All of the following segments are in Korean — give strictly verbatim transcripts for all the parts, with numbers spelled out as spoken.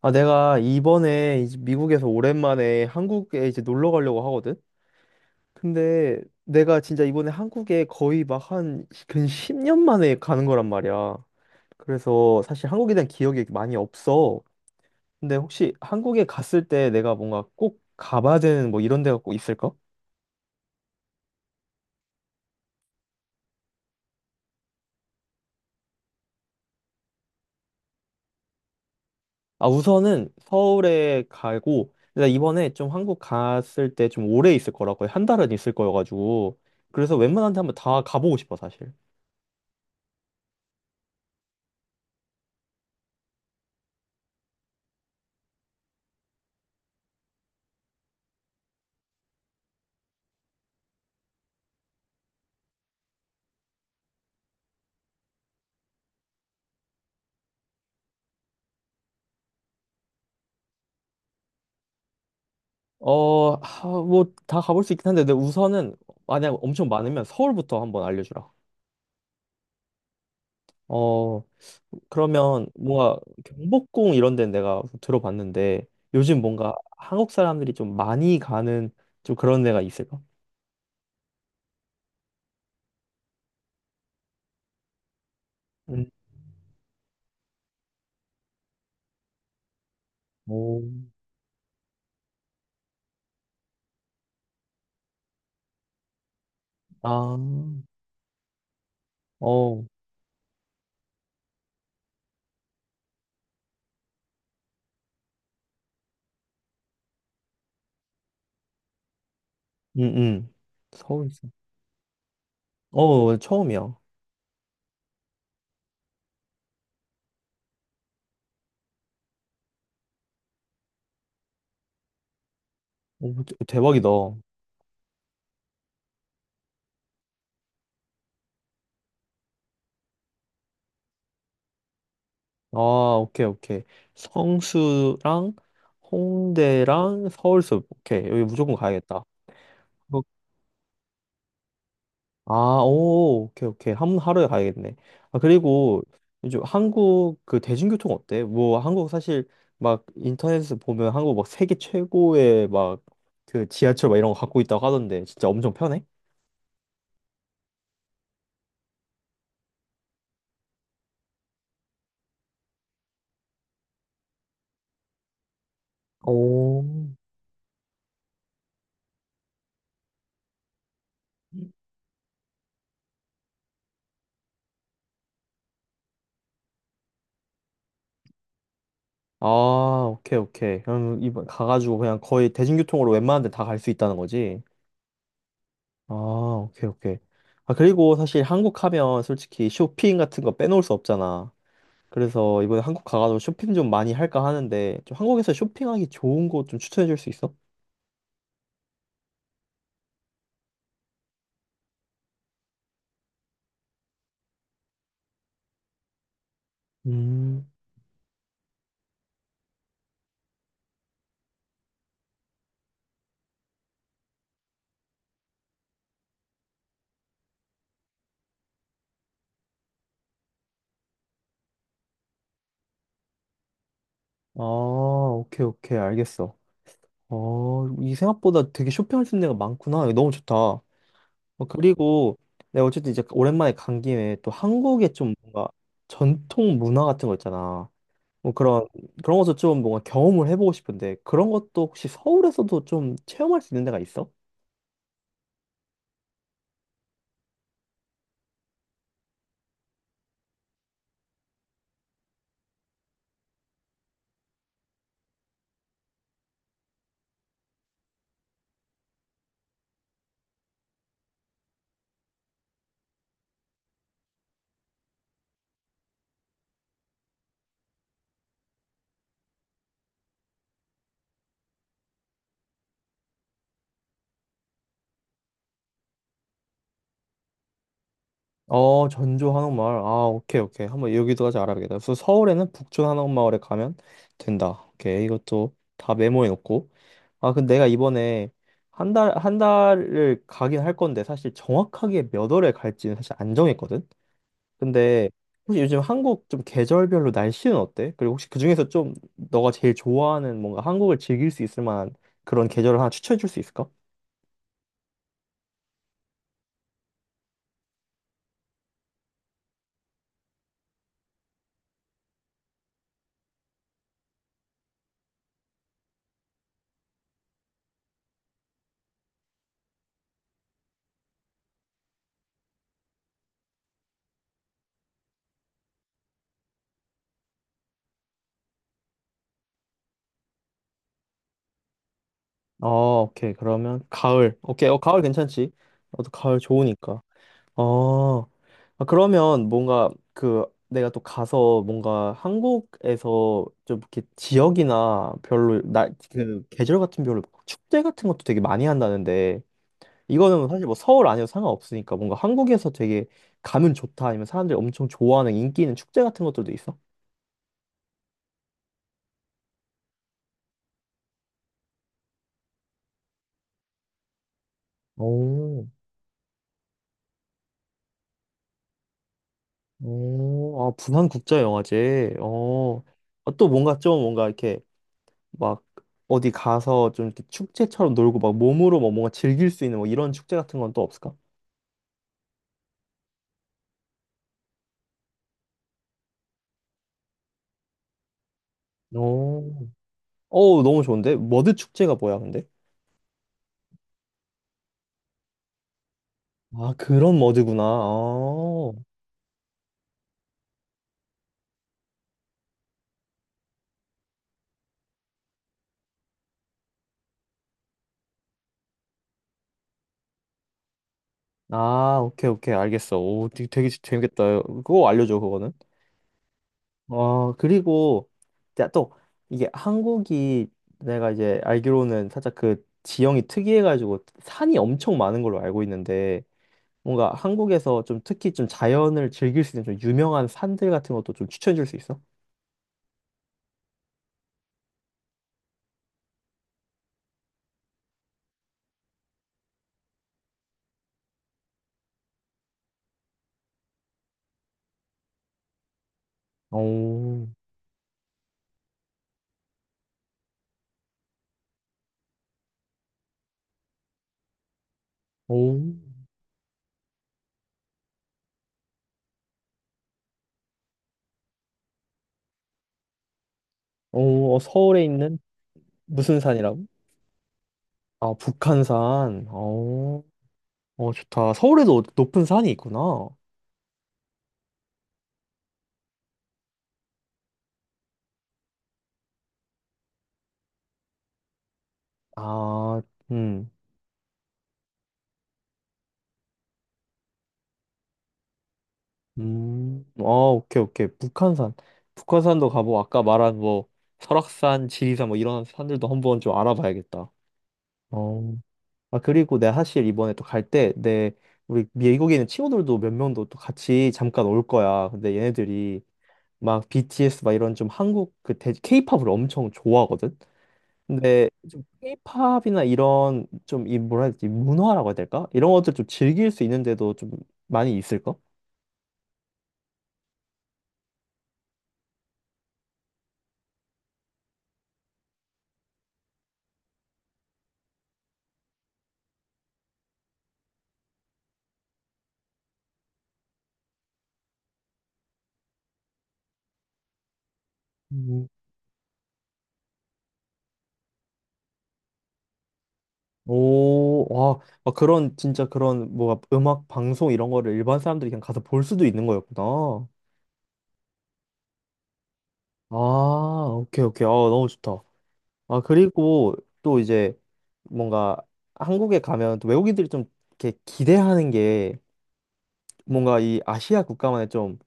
아, 내가 이번에 이제 미국에서 오랜만에 한국에 이제 놀러 가려고 하거든? 근데 내가 진짜 이번에 한국에 거의 막 한 근 십 년 만에 가는 거란 말이야. 그래서 사실 한국에 대한 기억이 많이 없어. 근데 혹시 한국에 갔을 때 내가 뭔가 꼭 가봐야 되는 뭐 이런 데가 꼭 있을까? 아, 우선은 서울에 가고, 내가 이번에 좀 한국 갔을 때 좀 오래 있을 거라 거의 한 달은 있을 거여가지고, 그래서 웬만한 데 한번 다 가보고 싶어, 사실. 어, 뭐 다 가볼 수 있긴 한데, 근데 우선은 만약 엄청 많으면 서울부터 한번 알려주라. 어, 그러면 뭔가 경복궁 이런 데는 내가 들어봤는데 요즘 뭔가 한국 사람들이 좀 많이 가는 좀 그런 데가 있을까? 음, 오, 아, 어, 음, 음, 서울에서. 어, 처음이야. 오, 대- 대박이다. 아, 오케이, 오케이. 성수랑 홍대랑 서울숲. 오케이, 여기 무조건 가야겠다. 아, 오, 오케이, 오케이. 한, 하루에 가야겠네. 아, 그리고 요즘 한국 그 대중교통 어때? 뭐, 한국 사실 막 인터넷에서 보면 한국 막 세계 최고의 막 그 지하철 막 이런 거 갖고 있다고 하던데 진짜 엄청 편해? 오. 아, 오케이, 오케이. 그럼 이번 가가지고 그냥 거의 대중교통으로 웬만한 데 다 갈 수 있다는 거지? 아, 오케이, 오케이. 아, 그리고 사실 한국 하면 솔직히 쇼핑 같은 거 빼놓을 수 없잖아. 그래서 이번에 한국 가가지고 쇼핑 좀 많이 할까 하는데 좀 한국에서 쇼핑하기 좋은 곳 좀 추천해 줄 수 있어? 음, 아, 오케이, 오케이, 알겠어. 어, 이 생각보다 되게 쇼핑할 수 있는 데가 많구나. 이거 너무 좋다. 어, 그 그리고 내가 어쨌든 이제 오랜만에 간 김에 또 한국의 좀 뭔가 전통 문화 같은 거 있잖아. 뭐 그런, 그런 것도 좀 뭔가 경험을 해보고 싶은데 그런 것도 혹시 서울에서도 좀 체험할 수 있는 데가 있어? 어, 전주 한옥마을. 아, 오케이, 오케이. 한번 여기도까지 알아야겠다. 그래서 서울에는 북촌 한옥마을에 가면 된다. 오케이. 이것도 다 메모해 놓고. 아, 근데 내가 이번에 한 달, 한 달을 가긴 할 건데, 사실 정확하게 몇 월에 갈지는 사실 안 정했거든? 근데 혹시 요즘 한국 좀 계절별로 날씨는 어때? 그리고 혹시 그중에서 좀 너가 제일 좋아하는 뭔가 한국을 즐길 수 있을 만한 그런 계절을 하나 추천해 줄 수 있을까? 어, 오케이. 그러면 가을. 오케이. 어, 가을 괜찮지? 나도 가을 좋으니까. 어, 아, 그러면 뭔가 그 내가 또 가서 뭔가 한국에서 좀 이렇게 지역이나 별로 날, 그 계절 같은 별로 축제 같은 것도 되게 많이 한다는데 이거는 사실 뭐 서울 아니어도 상관없으니까 뭔가 한국에서 되게 가면 좋다 아니면 사람들이 엄청 좋아하는 인기 있는 축제 같은 것들도 있어? 오, 오, 아, 부산국제영화제. 어, 아, 또 뭔가 좀 뭔가 이렇게 막 어디 가서 좀 이렇게 축제처럼 놀고 막 몸으로 뭐 뭔가 즐길 수 있는 뭐 이런 축제 같은 건 또 없을까? 오. 어 너무 좋은데? 머드 축제가 뭐야, 근데? 아, 그런 머드구나. 아, 아, 오케이, 오케이, 알겠어. 오, 되게, 되게 재밌겠다. 그거 알려줘, 그거는. 아, 그리고, 자, 또, 이게 한국이 내가 이제 알기로는 살짝 그 지형이 특이해가지고 산이 엄청 많은 걸로 알고 있는데, 뭔가 한국에서 좀 특히 좀 자연을 즐길 수 있는 좀 유명한 산들 같은 것도 좀 추천해 줄 수 있어? 오, 오, 오, 어, 서울에 있는 무슨 산이라고? 아, 북한산. 어, 어, 좋다. 서울에도 높은 산이 있구나. 아, 음, 음, 아, 오케이, 오케이. 북한산. 북한산도 가보고, 아까 말한 뭐, 설악산, 지리산 뭐 이런 산들도 한번 좀 알아봐야겠다. 어. 아, 그리고 내가 사실 이번에 또 갈 때, 내, 우리 미국에 있는 친구들도 몇 명도 또 같이 잠깐 올 거야. 근데 얘네들이 막 비티에스 막 이런 좀 한국 그 대, o 팝을 엄청 좋아하거든? 근데 좀 K-팝이나 이런 좀 이 뭐라 해야 되지? 문화라고 해야 될까? 이런 것들 좀 즐길 수 있는데도 좀 많이 있을까? 음. 오, 와, 아, 그런, 진짜 그런, 뭐가 음악 방송 이런 거를 일반 사람들이 그냥 가서 볼 수도 있는 거였구나. 아, 오케이, 오케이. 아, 너무 좋다. 아, 그리고 또 이제 뭔가 한국에 가면 또 외국인들이 좀 이렇게 기대하는 게 뭔가 이 아시아 국가만의 좀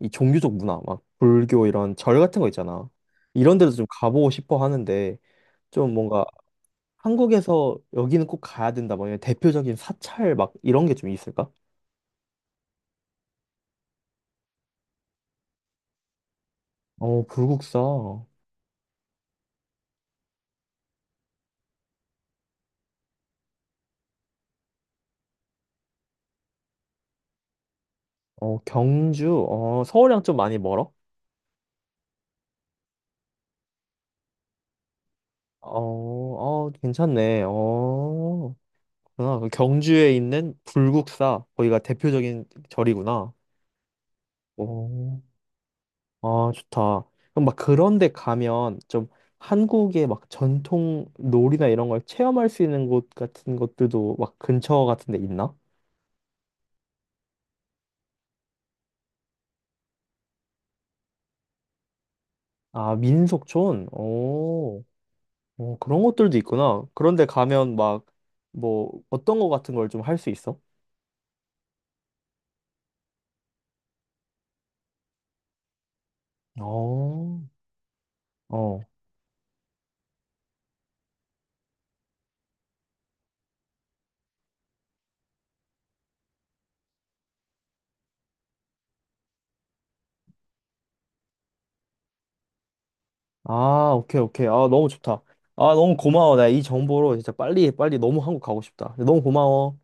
이 종교적 문화, 막 불교 이런 절 같은 거 있잖아. 이런 데도 좀 가보고 싶어 하는데 좀 뭔가 한국에서 여기는 꼭 가야 된다. 뭐 이런 대표적인 사찰 막 이런 게 좀 있을까? 어, 불국사. 어, 경주. 어, 서울이랑 좀 많이 멀어? 어, 어, 괜찮네. 어. 아, 경주에 있는 불국사, 거기가 대표적인 절이구나. 오, 아, 좋다. 그럼 막 그런 데 가면 좀 한국의 막 전통 놀이나 이런 걸 체험할 수 있는 곳 같은 것들도 막 근처 같은 데 있나? 아, 민속촌? 오, 오, 그런 것들도 있구나. 그런데 가면 막 뭐 어떤 거 같은 걸 좀 할 수 있어? 어, 어. 아, 오케이, 오케이. 아, 너무 좋다. 아, 너무 고마워. 나 이 정보로 진짜 빨리, 빨리 너무 한국 가고 싶다. 너무 고마워.